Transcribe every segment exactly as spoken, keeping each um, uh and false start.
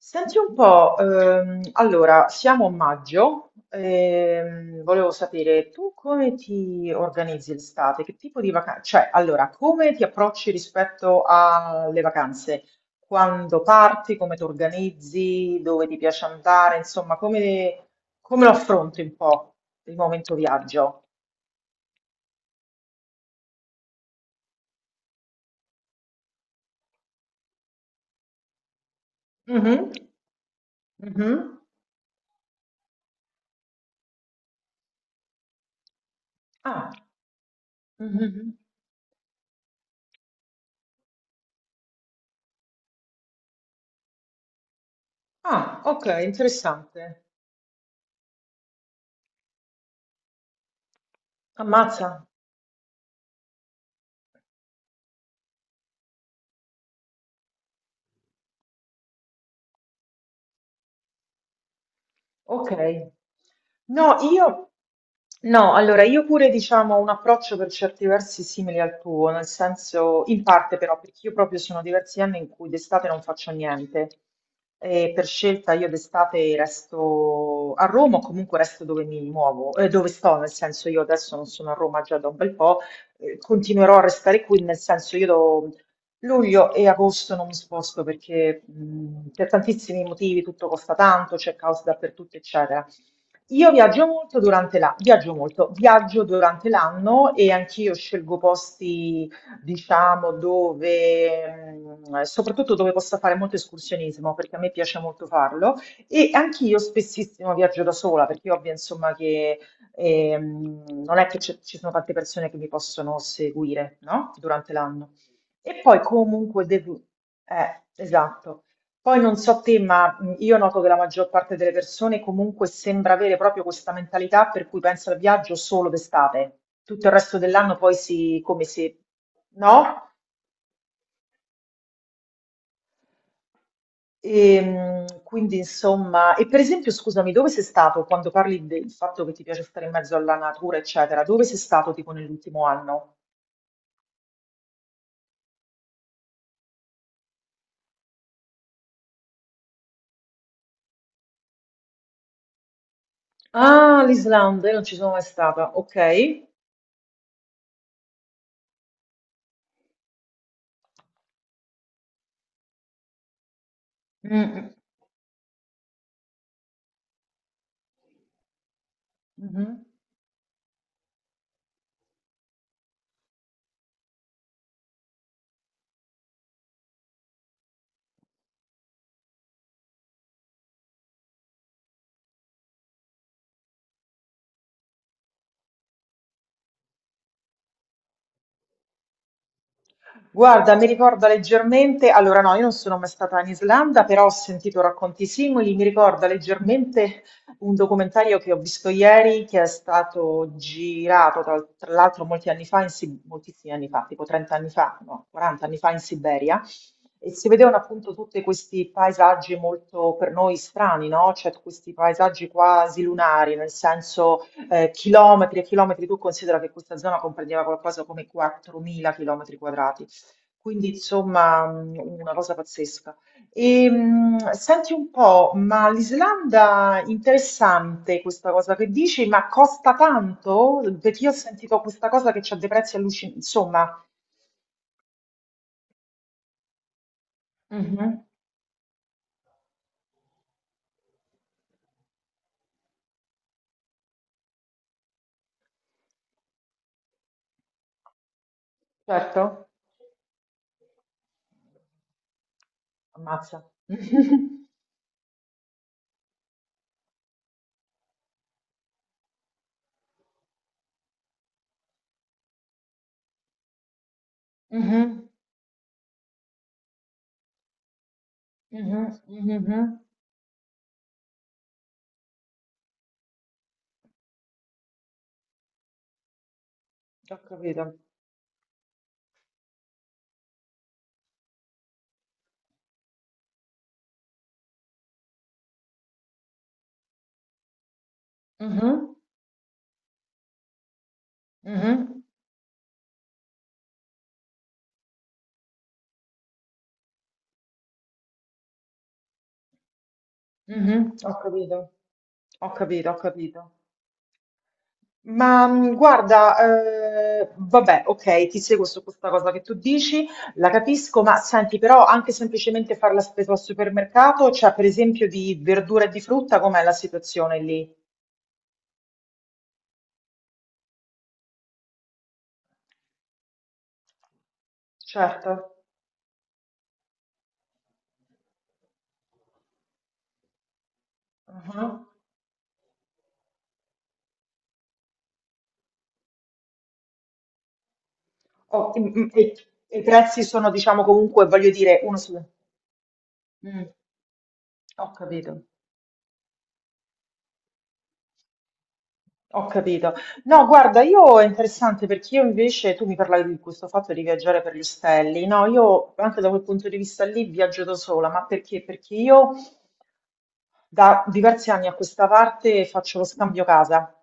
Senti un po', ehm, allora siamo a maggio, ehm, volevo sapere tu come ti organizzi l'estate, che tipo di vacanze, cioè allora come ti approcci rispetto alle vacanze, quando parti, come ti organizzi, dove ti piace andare, insomma come, come lo affronti un po' il momento viaggio? Mhm, mhm. Ah, mhm. Ah, ok, interessante. Ammazza. Ok. No, io no, allora io pure diciamo ho un approccio per certi versi simile al tuo, nel senso in parte, però perché io proprio sono diversi anni in cui d'estate non faccio niente e per scelta io d'estate resto a Roma, o comunque resto dove mi muovo, eh, dove sto, nel senso io adesso non sono a Roma già da un bel po', eh, continuerò a restare qui, nel senso io do- luglio e agosto non mi sposto, perché mh, per tantissimi motivi tutto costa tanto, c'è caos dappertutto, eccetera. Io viaggio molto durante la- viaggio molto, viaggio durante l'anno, e anch'io scelgo posti, diciamo, dove, mh, soprattutto dove possa fare molto escursionismo, perché a me piace molto farlo. E anch'io spessissimo viaggio da sola, perché io ovvio, insomma, che ehm, non è che c'è- ci sono tante persone che mi possono seguire, no? Durante l'anno. E poi comunque devo... Eh, esatto. Poi non so te, ma mh, io noto che la maggior parte delle persone comunque sembra avere proprio questa mentalità per cui pensa al viaggio solo d'estate. Tutto il resto dell'anno poi si... come se... no? E, mh, quindi insomma... E per esempio, scusami, dove sei stato quando parli del fatto che ti piace stare in mezzo alla natura, eccetera? Dove sei stato tipo nell'ultimo anno? Ah, l'Islanda, io non ci sono mai stata. Ok. Mm, mm, mhm. Guarda, mi ricorda leggermente, allora no, io non sono mai stata in Islanda, però ho sentito racconti simili, mi ricorda leggermente un documentario che ho visto ieri, che è stato girato tra, tra l'altro molti anni fa, in Si- moltissimi anni fa, tipo trenta anni fa, no, quaranta anni fa, in Siberia, e si vedevano appunto tutti questi paesaggi molto per noi strani, no? Cioè questi paesaggi quasi lunari, nel senso eh, chilometri e chilometri, tu considera che questa zona comprendeva qualcosa come quattromila chilometri quadrati. Quindi insomma mh, una cosa pazzesca. E, mh, senti un po', ma l'Islanda, interessante questa cosa che dici, ma costa tanto? Perché io ho sentito questa cosa che c'ha dei prezzi allucinanti, insomma. Mhm, certo, ammazza. Mhm, mhm, mhm, mhm. Ho capito. Mhm, mhm, mhm. Ho capito. Ho capito, ho capito. Ma mh, guarda, eh, vabbè, ok, ti seguo su questa cosa che tu dici, la capisco, ma senti, però anche semplicemente fare la spesa al supermercato, cioè per esempio di verdura e di frutta, com'è la situazione lì? Certo. Mhm. Oh, mm, mm, e, e, i prezzi sono, diciamo, comunque, voglio dire, uno su... Mm, ho capito. Ho capito. No, guarda, io è interessante, perché io invece, tu mi parlavi di questo fatto di viaggiare per gli stelli, no, io anche da quel punto di vista lì viaggio da sola, ma perché? Perché io da diversi anni a questa parte faccio lo scambio casa,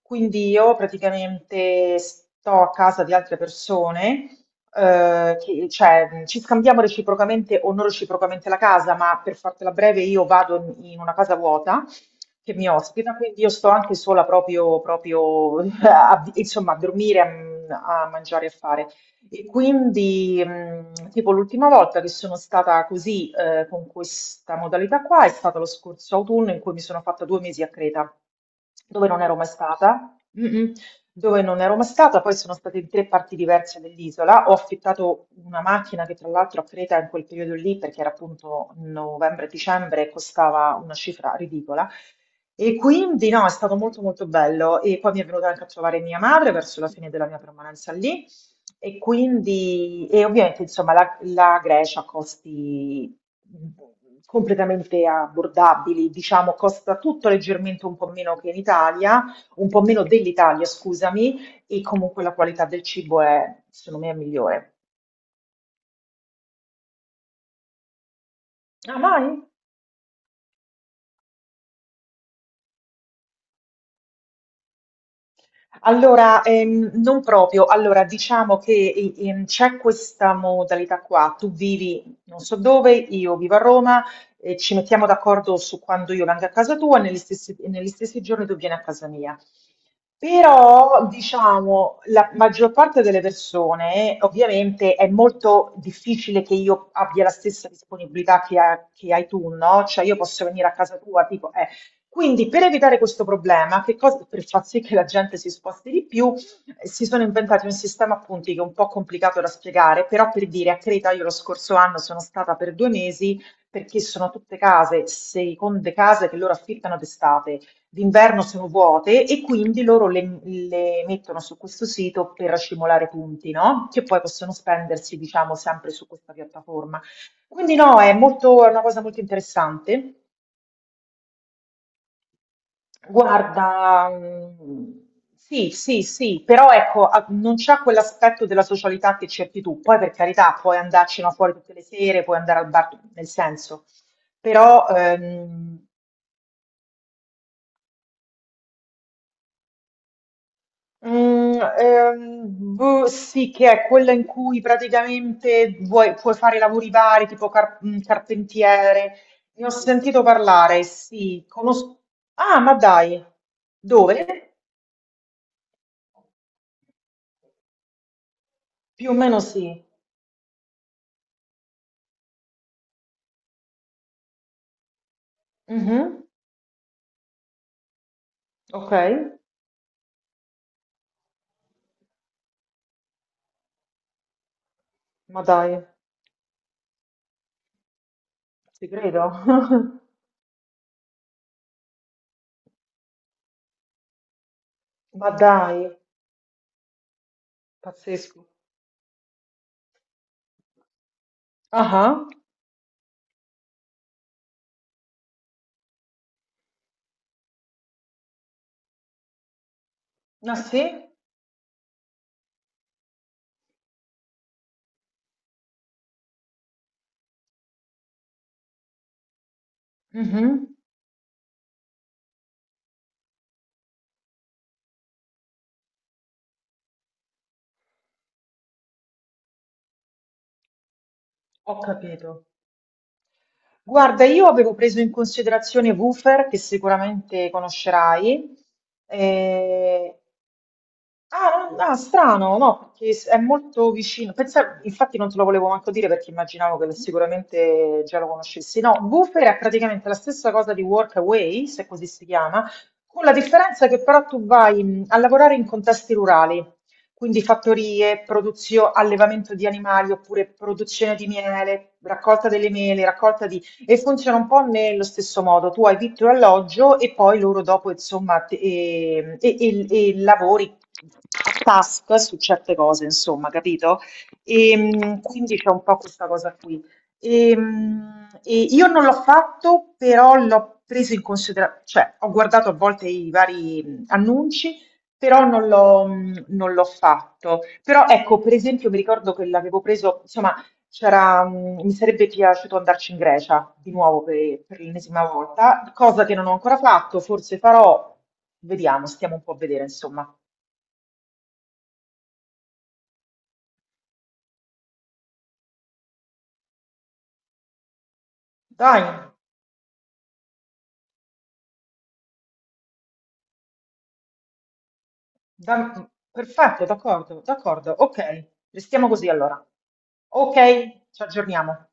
quindi io praticamente sto a casa di altre persone, eh, che- cioè mh, ci scambiamo reciprocamente o non reciprocamente la casa, ma per fartela breve io vado in in una casa vuota che mi ospita, quindi io sto anche sola proprio, proprio a- insomma, a dormire, a, a mangiare e a fare. E quindi, mh, tipo l'ultima volta che sono stata così, eh, con questa modalità qua, è stato lo scorso autunno, in cui mi sono fatta due mesi a Creta, dove non ero mai stata, Mm-mm. Dove non ero mai stata, poi sono stata in tre parti diverse dell'isola, ho affittato una macchina che, tra l'altro, a Creta in quel periodo lì, perché era appunto novembre-dicembre, costava una cifra ridicola. E quindi no, è stato molto molto bello, e poi mi è venuta anche a trovare mia madre verso la fine della mia permanenza lì. E quindi, e ovviamente insomma la, la Grecia ha costi mh, completamente abbordabili, diciamo costa tutto leggermente un po' meno che in Italia, un po' meno dell'Italia, scusami, e comunque la qualità del cibo è, secondo me, è migliore. Ah, mai? Allora, ehm, non proprio. Allora, diciamo che i- in- c'è questa modalità qua. Tu vivi non so dove, io vivo a Roma, e ci mettiamo d'accordo su quando io vengo a casa tua e negli stessi, e negli stessi giorni tu vieni a casa mia. Però, diciamo, la maggior parte delle persone, ovviamente, è molto difficile che io abbia la stessa disponibilità che, ha- che hai tu, no? Cioè, io posso venire a casa tua, tipo, eh, quindi per evitare questo problema, che cosa, per far sì che la gente si sposti di più, eh, si sono inventati un sistema a punti che è un po' complicato da spiegare, però per dire, a Creta io lo scorso anno sono stata per due mesi, perché sono tutte case, seconde case che loro affittano d'estate, d'inverno sono vuote, e quindi loro le, le mettono su questo sito per accumulare punti, no? Che poi possono spendersi, diciamo, sempre su questa piattaforma. Quindi no, è molto, è una cosa molto interessante. Guarda, mm, sì, sì, sì, però ecco, a- non c'è quell'aspetto della socialità che cerchi tu. Poi, per carità, puoi andarci, no, fuori tutte le sere, puoi andare al bar, nel senso. Però, ehm, mm, ehm, boh, sì, che è quella in cui praticamente vuoi, puoi fare lavori vari, tipo car- mm, carpentiere. Ne ho sentito parlare, sì, conosco. Ah, ma dai, dove? Più o meno sì. Mhm. Ok. Ma dai, ci credo. Ma dai, pazzesco. Ah, ah, ah sì? Mhm. Ho capito. Guarda, io avevo preso in considerazione Woofer, che sicuramente conoscerai, eh, Ah, no, no, strano, no, perché s- è molto vicino. Pensa- infatti non te lo volevo manco dire, perché immaginavo che sicuramente già lo conoscessi. No, Woofer è praticamente la stessa cosa di Workaway, se così si chiama, con la differenza che però tu vai mh, a lavorare in contesti rurali, quindi fattorie, produzione, allevamento di animali oppure produzione di miele, raccolta delle mele, raccolta di... E funziona un po' nello stesso modo. Tu hai vitto e alloggio e poi loro dopo, insomma, te- e e- e- e lavori task su certe cose, insomma, capito? E, mh, quindi c'è un po' questa cosa qui. E, mh, e io non l'ho fatto, però l'ho preso in considerazione, cioè ho guardato a volte i vari mh, annunci, però non l'ho mh, non l'ho fatto. Però ecco, per esempio, mi ricordo che l'avevo preso, insomma, c'era, mh, mi sarebbe piaciuto andarci in Grecia di nuovo per, per l'ennesima volta, cosa che non ho ancora fatto, forse farò, vediamo, stiamo un po' a vedere, insomma. Dai, dam- perfetto, d'accordo, d'accordo, ok, restiamo così allora. Ok, ci aggiorniamo.